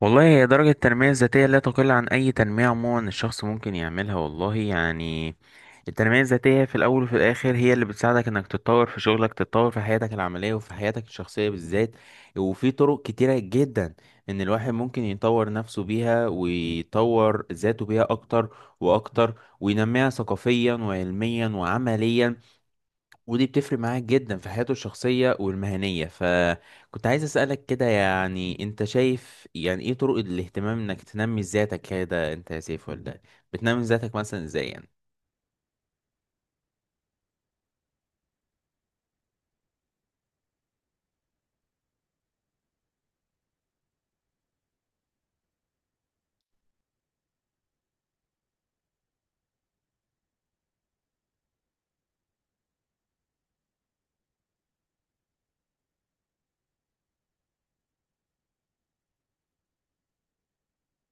والله هي درجة التنمية الذاتية لا تقل عن أي تنمية عموما. الشخص ممكن يعملها والله. يعني التنمية الذاتية في الأول وفي الآخر هي اللي بتساعدك إنك تتطور في شغلك، تتطور في حياتك العملية وفي حياتك الشخصية بالذات، وفي طرق كتيرة جدا إن الواحد ممكن يطور نفسه بيها ويطور ذاته بيها أكتر وأكتر، وينميها ثقافيا وعلميا وعمليا. ودي بتفرق معاك جدا في حياته الشخصية والمهنية. فكنت عايز أسألك كده، يعني انت شايف يعني ايه طرق الاهتمام انك تنمي ذاتك كده انت يا سيف؟ ولا بتنمي ذاتك مثلا ازاي يعني؟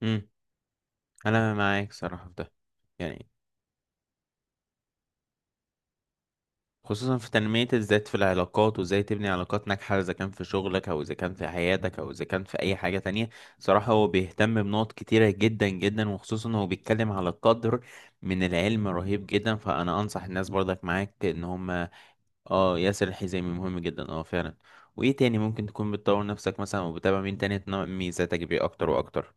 امم انا معاك صراحة في ده. يعني خصوصا في تنمية الذات في العلاقات، وازاي تبني علاقات ناجحة، اذا كان في شغلك او اذا كان في حياتك او اذا كان في اي حاجة تانية. صراحة هو بيهتم بنقط كتيرة جدا جدا، وخصوصا هو بيتكلم على قدر من العلم رهيب جدا. فانا انصح الناس برضك معاك ان هم، اه، ياسر الحزامي مهم جدا، اه فعلا. وايه تاني ممكن تكون بتطور نفسك مثلا وبتابع مين تاني تنمي ذاتك بيه اكتر واكتر؟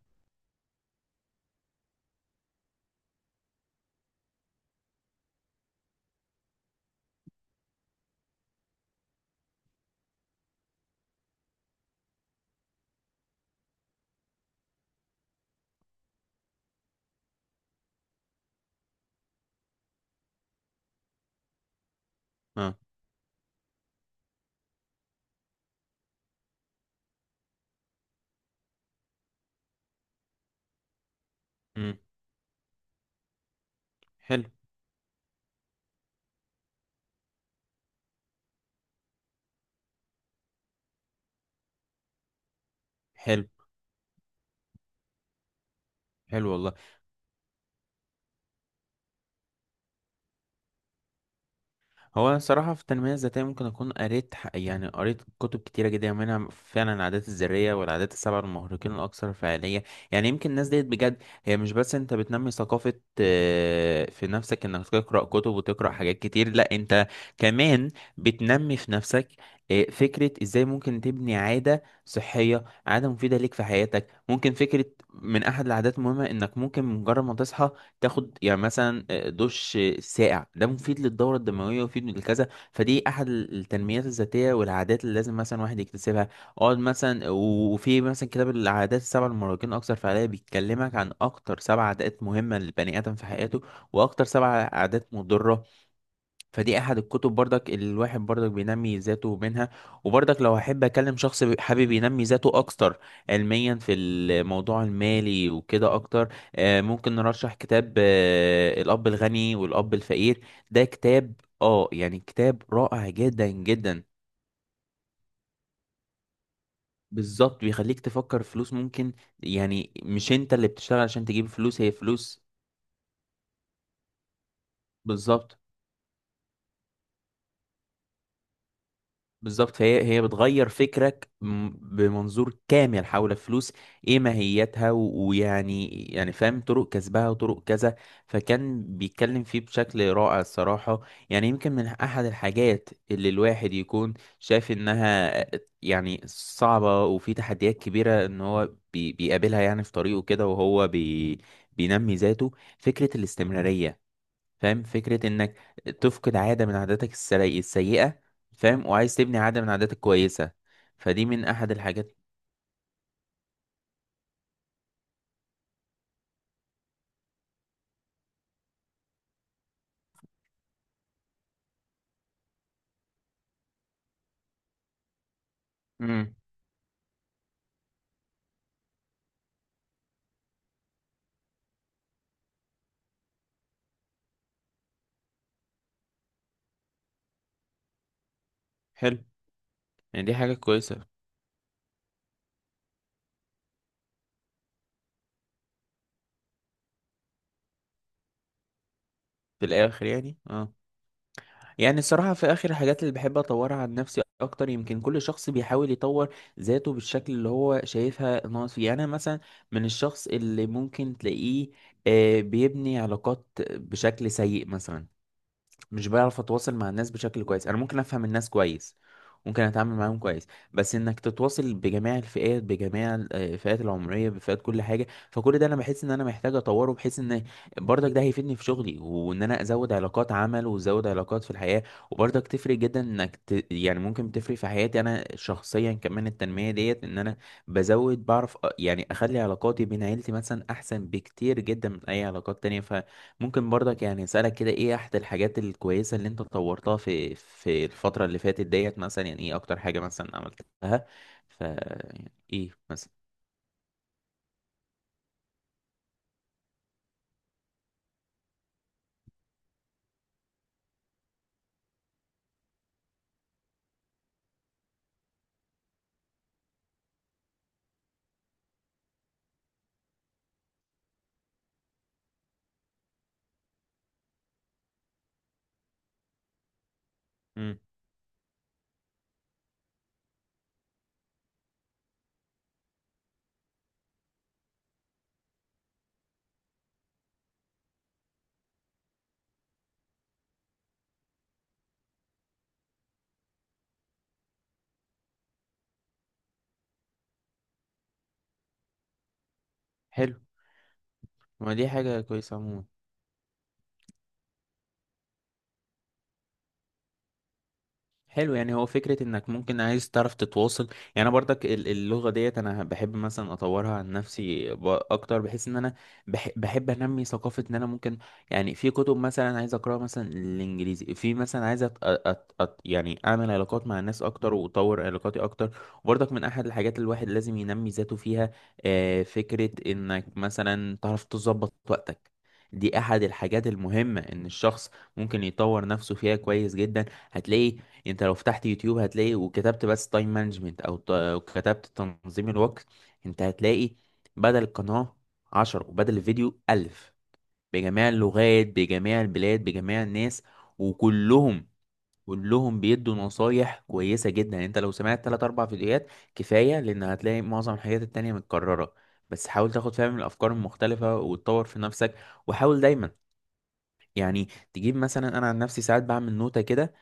اه. امم حلو. حلو. حلو والله. هو أنا صراحة في التنمية الذاتية ممكن أكون يعني قريت كتب كتيرة جدا، منها فعلا العادات الذرية والعادات السبعة المهرقين الأكثر فعالية. يعني يمكن الناس ديت بجد، هي مش بس أنت بتنمي ثقافة في نفسك إنك تقرأ كتب وتقرأ حاجات كتير. لأ، أنت كمان بتنمي في نفسك فكرة إزاي ممكن تبني عادة صحية، عادة مفيدة ليك في حياتك. ممكن فكرة من أحد العادات المهمة إنك ممكن مجرد ما تصحى، تاخد يعني مثلا دش ساقع. ده مفيد للدوره الدمويه ومفيد للكذا. فدي احد التنميات الذاتيه والعادات اللي لازم مثلا واحد يكتسبها. اقعد مثلا، وفي مثلا كتاب العادات السبع للمراهقين اكثر فعاليه، بيتكلمك عن اكتر سبع عادات مهمه للبني ادم في حياته، واكتر سبع عادات مضره. فدي احد الكتب برضك اللي الواحد برضك بينمي ذاته منها. وبرضك لو احب اكلم شخص حابب ينمي ذاته اكتر علميا في الموضوع المالي وكده اكتر، ممكن نرشح كتاب الاب الغني والاب الفقير. ده كتاب، اه، يعني كتاب رائع جدا جدا. بالظبط بيخليك تفكر فلوس ممكن، يعني مش انت اللي بتشتغل عشان تجيب فلوس، هي فلوس. بالظبط بالظبط. فهي هي بتغير فكرك بمنظور كامل حول الفلوس، ايه ماهيتها ويعني يعني فاهم طرق كسبها وطرق كذا. فكان بيتكلم فيه بشكل رائع الصراحة. يعني يمكن من احد الحاجات اللي الواحد يكون شايف انها يعني صعبة، وفي تحديات كبيرة ان هو بيقابلها يعني في طريقه كده، وهو بينمي ذاته. فكرة الاستمرارية، فاهم، فكرة انك تفقد عادة من عاداتك السيئة فاهم، وعايز تبني عادة من عاداتك كويسة. فدي من احد الحاجات. امم. حلو. يعني دي حاجة كويسة. في الاخر يعني اه، يعني الصراحة في اخر الحاجات اللي بحب اطورها عن نفسي اكتر، يمكن كل شخص بيحاول يطور ذاته بالشكل اللي هو شايفها ناقص فيه. يعني انا مثلا من الشخص اللي ممكن تلاقيه بيبني علاقات بشكل سيء مثلا، مش بعرف اتواصل مع الناس بشكل كويس. انا ممكن افهم الناس كويس، ممكن اتعامل معاهم كويس، بس انك تتواصل بجميع الفئات، بجميع الفئات العمريه، بفئات كل حاجه، فكل ده انا بحس ان انا محتاج اطوره، بحيث ان برضك ده هيفيدني في شغلي، وان انا ازود علاقات عمل وازود علاقات في الحياه. وبرضك تفرق جدا انك يعني ممكن تفرق في حياتي انا شخصيا كمان التنميه ديت، ان انا بزود بعرف يعني اخلي علاقاتي بين عيلتي مثلا احسن بكتير جدا من اي علاقات تانية. ف ممكن برضك يعني اسالك كده، ايه احد الحاجات الكويسه اللي انت طورتها في الفتره اللي فاتت ديت مثلا؟ يعني ايه اكتر حاجه مثلا عملتها ف يعني ايه مثلا؟ امم. حلو. ما دي حاجه كويسه عموما. حلو، يعني هو فكرة انك ممكن عايز تعرف تتواصل. يعني انا برضك اللغة ديت انا بحب مثلا اطورها عن نفسي اكتر، بحيث ان انا بحب انمي ثقافة ان انا ممكن، يعني في كتب مثلا عايز اقراها مثلا الانجليزي، في مثلا عايز أت أت أت يعني اعمل علاقات مع الناس اكتر واطور علاقاتي اكتر. وبرضك من احد الحاجات اللي الواحد لازم ينمي ذاته فيها فكرة انك مثلا تعرف تظبط وقتك. دي احد الحاجات المهمة ان الشخص ممكن يطور نفسه فيها كويس جدا. هتلاقي، يعني انت لو فتحت يوتيوب هتلاقي، وكتبت بس تايم مانجمنت او أو كتبت تنظيم الوقت، انت هتلاقي بدل القناة 10 وبدل الفيديو 1000، بجميع اللغات، بجميع البلاد، بجميع الناس. وكلهم كلهم بيدوا نصايح كويسة جدا. يعني انت لو سمعت تلات أربع فيديوهات كفاية، لأن هتلاقي معظم الحاجات التانية متكررة. بس حاول تاخد فيها من الأفكار المختلفة وتطور في نفسك. وحاول دايما، يعني تجيب مثلا، أنا عن نفسي ساعات بعمل نوتة كده،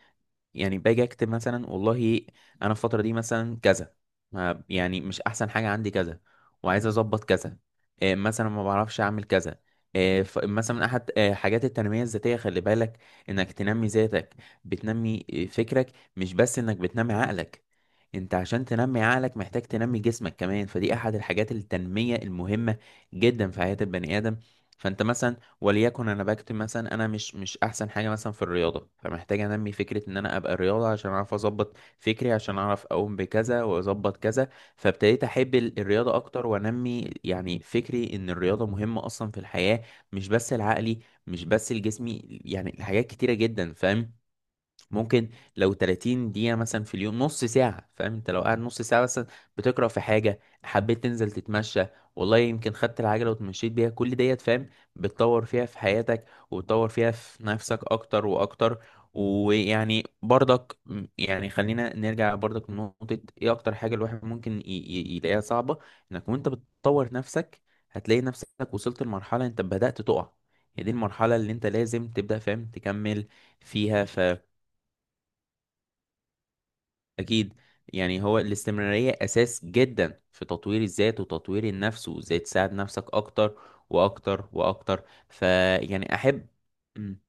يعني باجي اكتب مثلا والله انا الفتره دي مثلا كذا، يعني مش احسن حاجه عندي كذا، وعايز اظبط كذا، مثلا ما بعرفش اعمل كذا، مثلا احد حاجات التنميه الذاتيه. خلي بالك انك تنمي ذاتك، بتنمي فكرك، مش بس انك بتنمي عقلك. انت عشان تنمي عقلك محتاج تنمي جسمك كمان. فدي احد الحاجات التنميه المهمه جدا في حياه البني ادم. فانت مثلا، وليكن انا بكتب مثلا، انا مش احسن حاجه مثلا في الرياضه، فمحتاج انمي فكره ان انا ابقى رياضه عشان اعرف اظبط فكري، عشان اعرف اقوم بكذا واظبط كذا. فابتديت احب الرياضه اكتر، وانمي يعني فكري ان الرياضه مهمه اصلا في الحياه، مش بس العقلي، مش بس الجسمي. يعني حاجات كتيره جدا فاهم. ممكن لو 30 دقيقة مثلا في اليوم، نص ساعة، فاهم انت لو قاعد نص ساعة مثلا بتقرأ في حاجة، حبيت تنزل تتمشى والله، يمكن خدت العجلة وتمشيت بيها، كل ديت فاهم بتطور فيها في حياتك، وتطور فيها في نفسك أكتر وأكتر. ويعني برضك يعني خلينا نرجع برضك لنقطة، ايه أكتر حاجة الواحد ممكن يلاقيها صعبة؟ انك وانت بتطور نفسك هتلاقي نفسك وصلت لمرحلة انت بدأت تقع. هي دي المرحلة اللي انت لازم تبدأ فاهم تكمل فيها. أكيد، يعني هو الاستمرارية أساس جدا في تطوير الذات وتطوير النفس، وإزاي تساعد نفسك أكتر وأكتر وأكتر. فيعني أحب. إمم.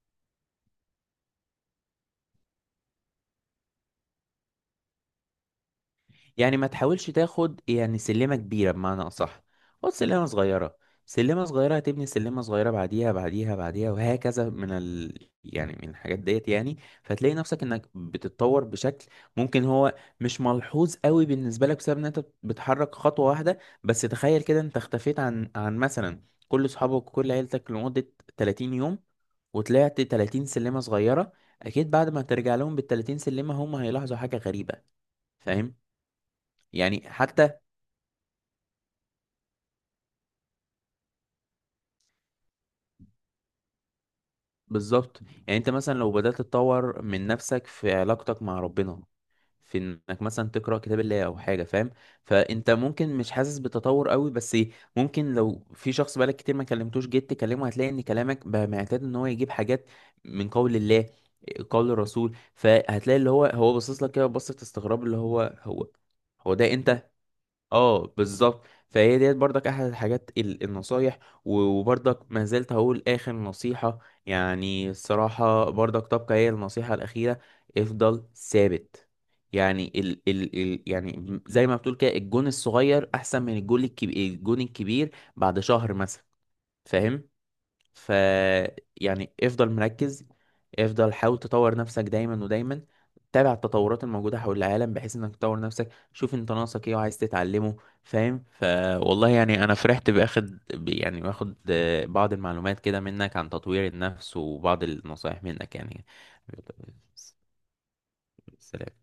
يعني ما تحاولش تاخد يعني سلمة كبيرة، بمعنى أصح خد سلمة صغيرة. سلمة صغيرة هتبني سلمة صغيرة، بعديها بعديها بعديها وهكذا، من يعني من الحاجات ديت. يعني فتلاقي نفسك انك بتتطور بشكل، ممكن هو مش ملحوظ قوي بالنسبة لك بسبب ان انت بتحرك خطوة واحدة. بس تخيل كده، انت اختفيت عن مثلا كل اصحابك وكل عيلتك لمدة 30 يوم، وطلعت 30 سلمة صغيرة، اكيد بعد ما ترجع لهم بال 30 سلمة هم هيلاحظوا حاجة غريبة فاهم. يعني حتى بالظبط، يعني انت مثلا لو بدأت تطور من نفسك في علاقتك مع ربنا، في انك مثلا تقرأ كتاب الله او حاجة فاهم، فانت ممكن مش حاسس بتطور قوي، بس ممكن لو في شخص بقالك كتير ما كلمتوش جيت تكلمه، هتلاقي ان كلامك بقى معتاد ان هو يجيب حاجات من قول الله، قول الرسول. فهتلاقي اللي هو هو باصص لك كده بصة استغراب، اللي هو هو ده انت. اه بالظبط. فهي ديت برضك احد الحاجات النصايح. وبرضك ما زلت هقول اخر نصيحة، يعني الصراحة برضك تبقى هي النصيحة الاخيرة، افضل ثابت. يعني ال ال ال يعني زي ما بتقول كده، الجون الصغير احسن من الجون الكبير، الجون الكبير بعد شهر مثلا فاهم ف. يعني افضل مركز، افضل حاول تطور نفسك دايما ودايما، تابع التطورات الموجودة حول العالم بحيث انك تطور نفسك، شوف انت ناقصك ايه وعايز تتعلمه فاهم. فوالله يعني انا فرحت يعني باخد بعض المعلومات كده منك عن تطوير النفس، وبعض النصايح منك يعني. سلام.